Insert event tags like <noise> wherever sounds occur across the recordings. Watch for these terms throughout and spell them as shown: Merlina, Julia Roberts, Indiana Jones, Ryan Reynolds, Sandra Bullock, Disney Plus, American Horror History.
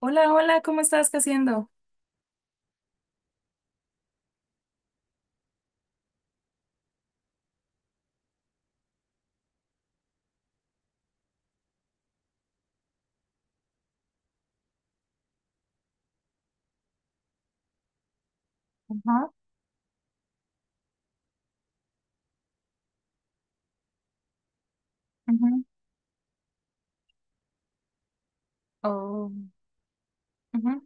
Hola, hola, ¿cómo estás? ¿Qué haciendo? Ajá, ujú. Oh, ujú.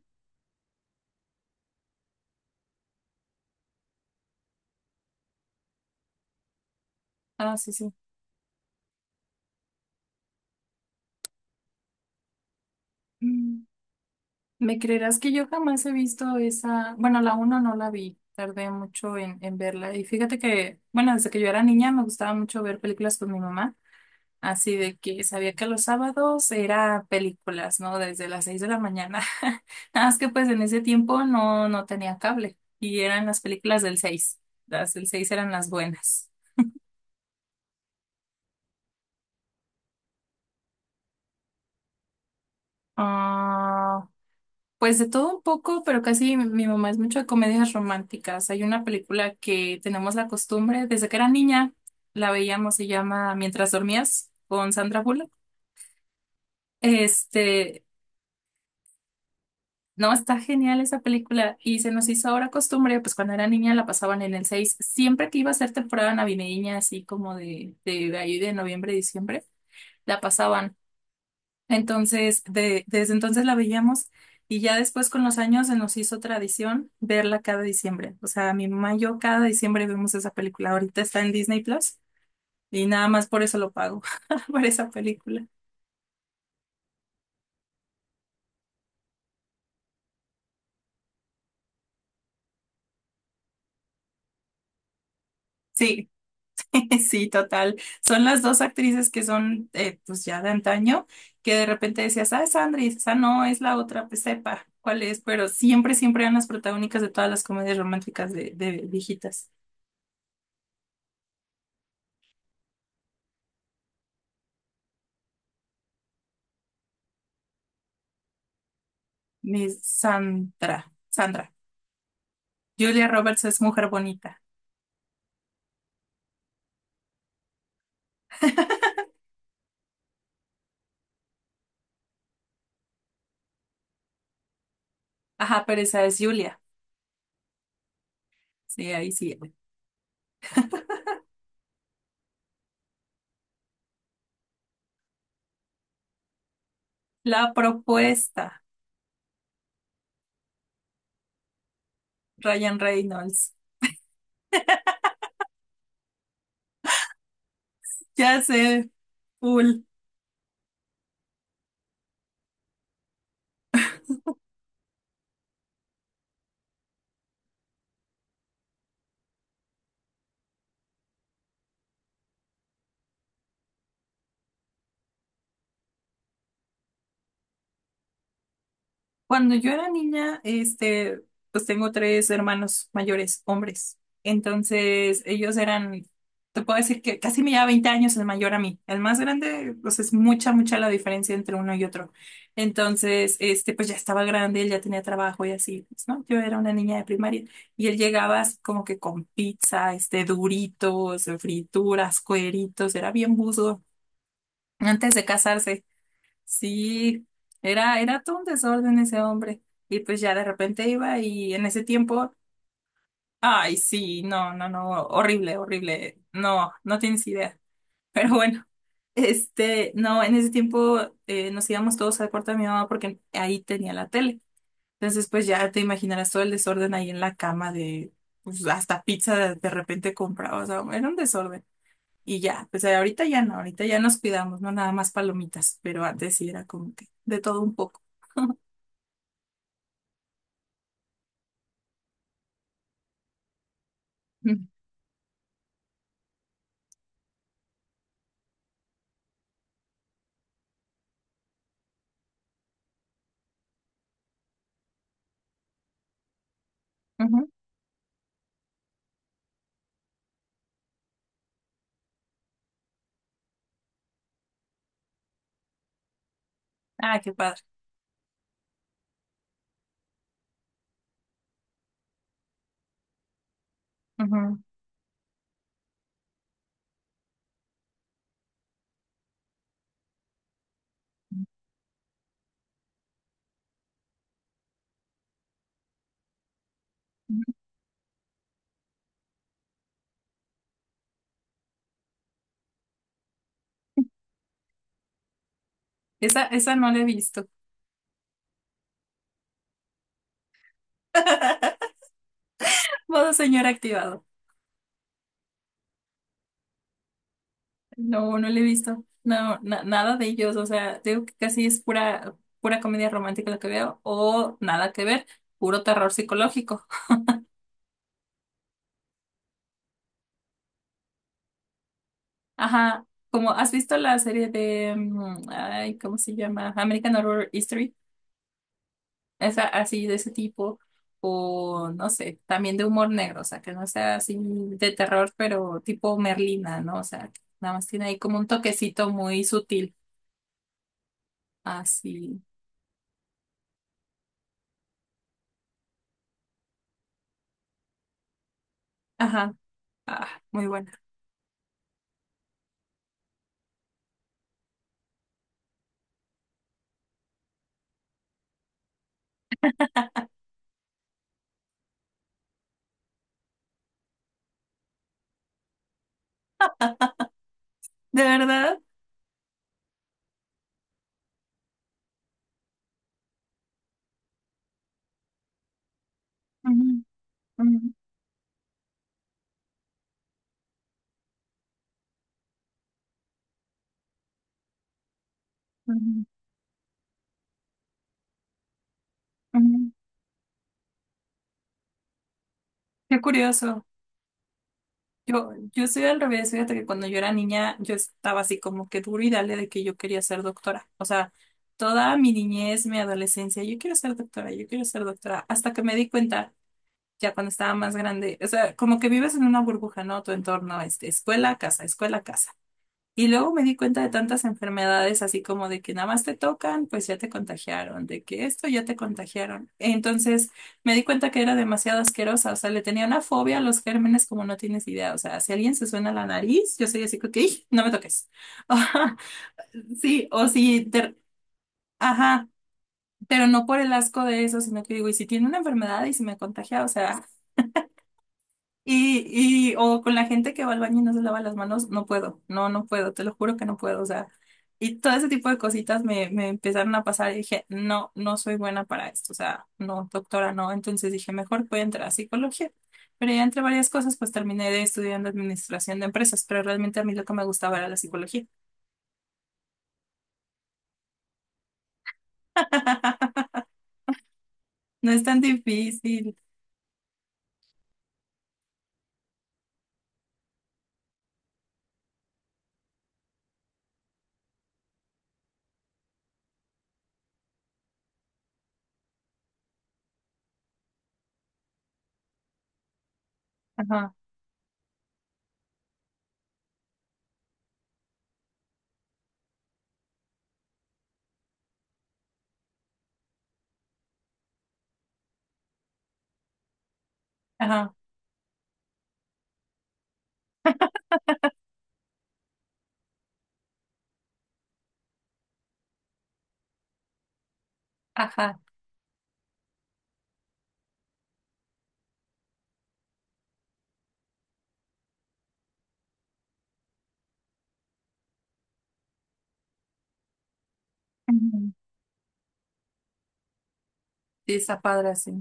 Ah, sí, sí. Mm, ¿Me creerás que yo jamás he visto esa? Bueno, la uno no la vi, tardé mucho en verla. Y fíjate que, bueno, desde que yo era niña me gustaba mucho ver películas con mi mamá, así de que sabía que los sábados era películas, ¿no? Desde las 6 de la mañana. <laughs> Nada más que pues en ese tiempo no tenía cable y eran las películas del seis. Las del seis eran las buenas. Ah. Pues de todo un poco, pero casi mi mamá es mucho de comedias románticas. Hay una película que tenemos la costumbre, desde que era niña, la veíamos, se llama Mientras dormías, con Sandra Bullock. Este, no, está genial esa película y se nos hizo ahora costumbre, pues cuando era niña la pasaban en el 6. Siempre que iba a ser temporada navideña, así como de, ahí, de noviembre, diciembre, la pasaban. Entonces, desde entonces la veíamos y ya después con los años se nos hizo tradición verla cada diciembre. O sea, mi mamá y yo cada diciembre vemos esa película. Ahorita está en Disney Plus y nada más por eso lo pago, <laughs> por esa película. Sí, <laughs> sí, total. Son las dos actrices que son, pues ya de antaño, que de repente decías, ah, es Sandra, y dices, ah, no, es la otra, pues sepa cuál es, pero siempre, siempre eran las protagónicas de todas las comedias románticas de viejitas. Mi Sandra, Sandra. Julia Roberts es mujer bonita. Ajá, pero esa es Julia. Sí, ahí sí. La propuesta, Ryan Reynolds. Ya sé, full. Cuando yo era niña, pues tengo tres hermanos mayores, hombres. Entonces, ellos eran, te puedo decir que casi me lleva 20 años el mayor a mí. El más grande, pues es mucha, mucha la diferencia entre uno y otro. Entonces, pues ya estaba grande, él ya tenía trabajo y así, pues, ¿no? Yo era una niña de primaria y él llegaba así como que con pizza, duritos, frituras, cueritos, era bien buzo antes de casarse. Sí, era todo un desorden ese hombre. Y pues ya de repente iba y en ese tiempo, ay, sí, no, no, no, horrible, horrible. No, no tienes idea. <laughs> Pero bueno, no, en ese tiempo nos íbamos todos al cuarto de mi mamá porque ahí tenía la tele. Entonces, pues ya te imaginarás todo el desorden ahí en la cama de, pues hasta pizza de repente compraba. O sea, era un desorden. Y ya, pues ahorita ya no, ahorita ya nos cuidamos, no nada más palomitas, pero antes sí era como que de todo un poco. <laughs> Mm, ujú. Ah, qué padre. Ujú. Esa no la he visto. <laughs> Modo señor activado. No, no la he visto. No, nada de ellos. O sea, digo que casi es pura, pura comedia romántica lo que veo, o nada que ver, puro terror psicológico. Ajá. Como has visto la serie de, ay, ¿cómo se llama? American Horror History, esa, así de ese tipo, o no sé, también de humor negro, o sea, que no sea así de terror, pero tipo Merlina, ¿no? O sea, que nada más tiene ahí como un toquecito muy sutil, así. Ajá, ah, muy buena. ¿De verdad? Ujú, ujú, ujú, ujú. Qué curioso. Yo soy al revés, fíjate que cuando yo era niña, yo estaba así como que duro y dale de que yo quería ser doctora. O sea, toda mi niñez, mi adolescencia, yo quiero ser doctora, yo quiero ser doctora, hasta que me di cuenta ya cuando estaba más grande, o sea, como que vives en una burbuja, ¿no? Tu entorno, escuela, casa, escuela, casa. Y luego me di cuenta de tantas enfermedades, así como de que nada más te tocan, pues ya te contagiaron, de que esto ya te contagiaron. Entonces me di cuenta que era demasiado asquerosa, o sea, le tenía una fobia a los gérmenes como no tienes idea. O sea, si alguien se suena la nariz, yo soy así, como que "Ih, no me toques". <laughs> Sí, o si, ajá, pero no por el asco de eso, sino que digo, y si tiene una enfermedad y si me contagia, o sea. O con la gente que va al baño y no se lava las manos, no puedo, no, no puedo, te lo juro que no puedo, o sea, y todo ese tipo de cositas me empezaron a pasar y dije, no, no soy buena para esto, o sea, no, doctora, no, entonces dije, mejor voy a entrar a psicología, pero ya entre varias cosas, pues terminé de estudiando administración de empresas, pero realmente a mí lo que me gustaba era la psicología. <laughs> No es tan difícil. Ajá, ajá, ajá. Ujú. Sí, está padre, sí.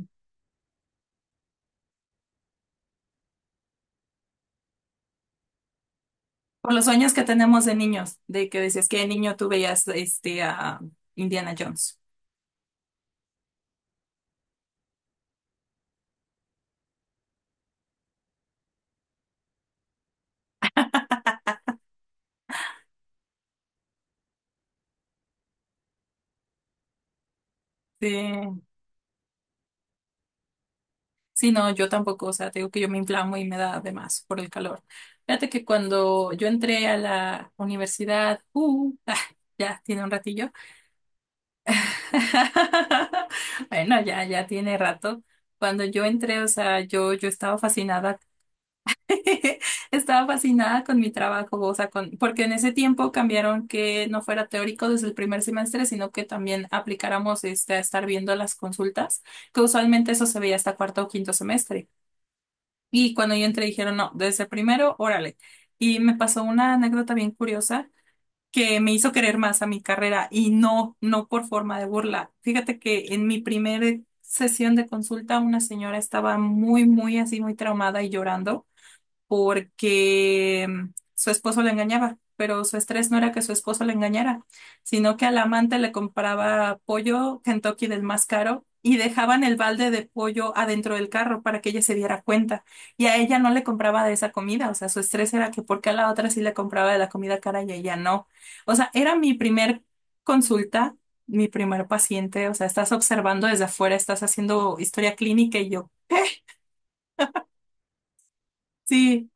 Por los sueños que tenemos de niños, de que decías que de niño tú veías a Indiana Jones. Sí, sí, no, yo tampoco, o sea, te digo que yo me inflamo y me da de más por el calor. Fíjate que cuando yo entré a la universidad, <laughs> ah, ya tiene un ratillo. <laughs> Bueno, ya, ya tiene rato. Cuando yo entré, o sea, yo estaba fascinada <laughs> Estaba fascinada con mi trabajo, o sea, porque en ese tiempo cambiaron que no fuera teórico desde el primer semestre, sino que también aplicáramos a estar viendo las consultas, que usualmente eso se veía hasta cuarto o quinto semestre. Y cuando yo entré dijeron, no, desde primero, órale. Y me pasó una anécdota bien curiosa que me hizo querer más a mi carrera y no, no por forma de burla. Fíjate que en mi primera sesión de consulta una señora estaba muy, muy así, muy traumada y llorando porque su esposo la engañaba, pero su estrés no era que su esposo la engañara, sino que al amante le compraba pollo Kentucky del más caro y dejaban el balde de pollo adentro del carro para que ella se diera cuenta. Y a ella no le compraba de esa comida, o sea, su estrés era que porque a la otra sí le compraba de la comida cara y a ella no. O sea, era mi primer consulta. Mi primer paciente, o sea, estás observando desde afuera, estás haciendo historia clínica y yo, sí.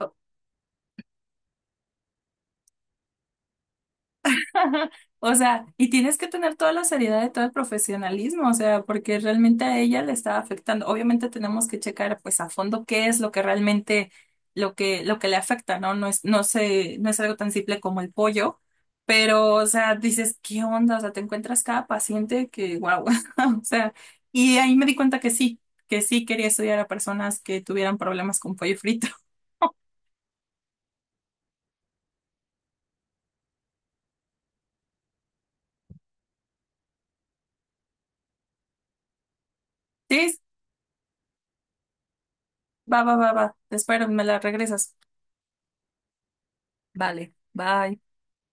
<laughs> O sea, y tienes que tener toda la seriedad y todo el profesionalismo, o sea, porque realmente a ella le está afectando. Obviamente tenemos que checar pues a fondo qué es lo que realmente lo que le afecta, ¿no? No es no sé, no es algo tan simple como el pollo, pero o sea, dices, ¿qué onda? O sea, te encuentras cada paciente que wow. <laughs> O sea, y ahí me di cuenta que sí quería estudiar a personas que tuvieran problemas con pollo frito. <laughs> Sí, va, va, va, va. Te espero, me la regresas. Vale, bye.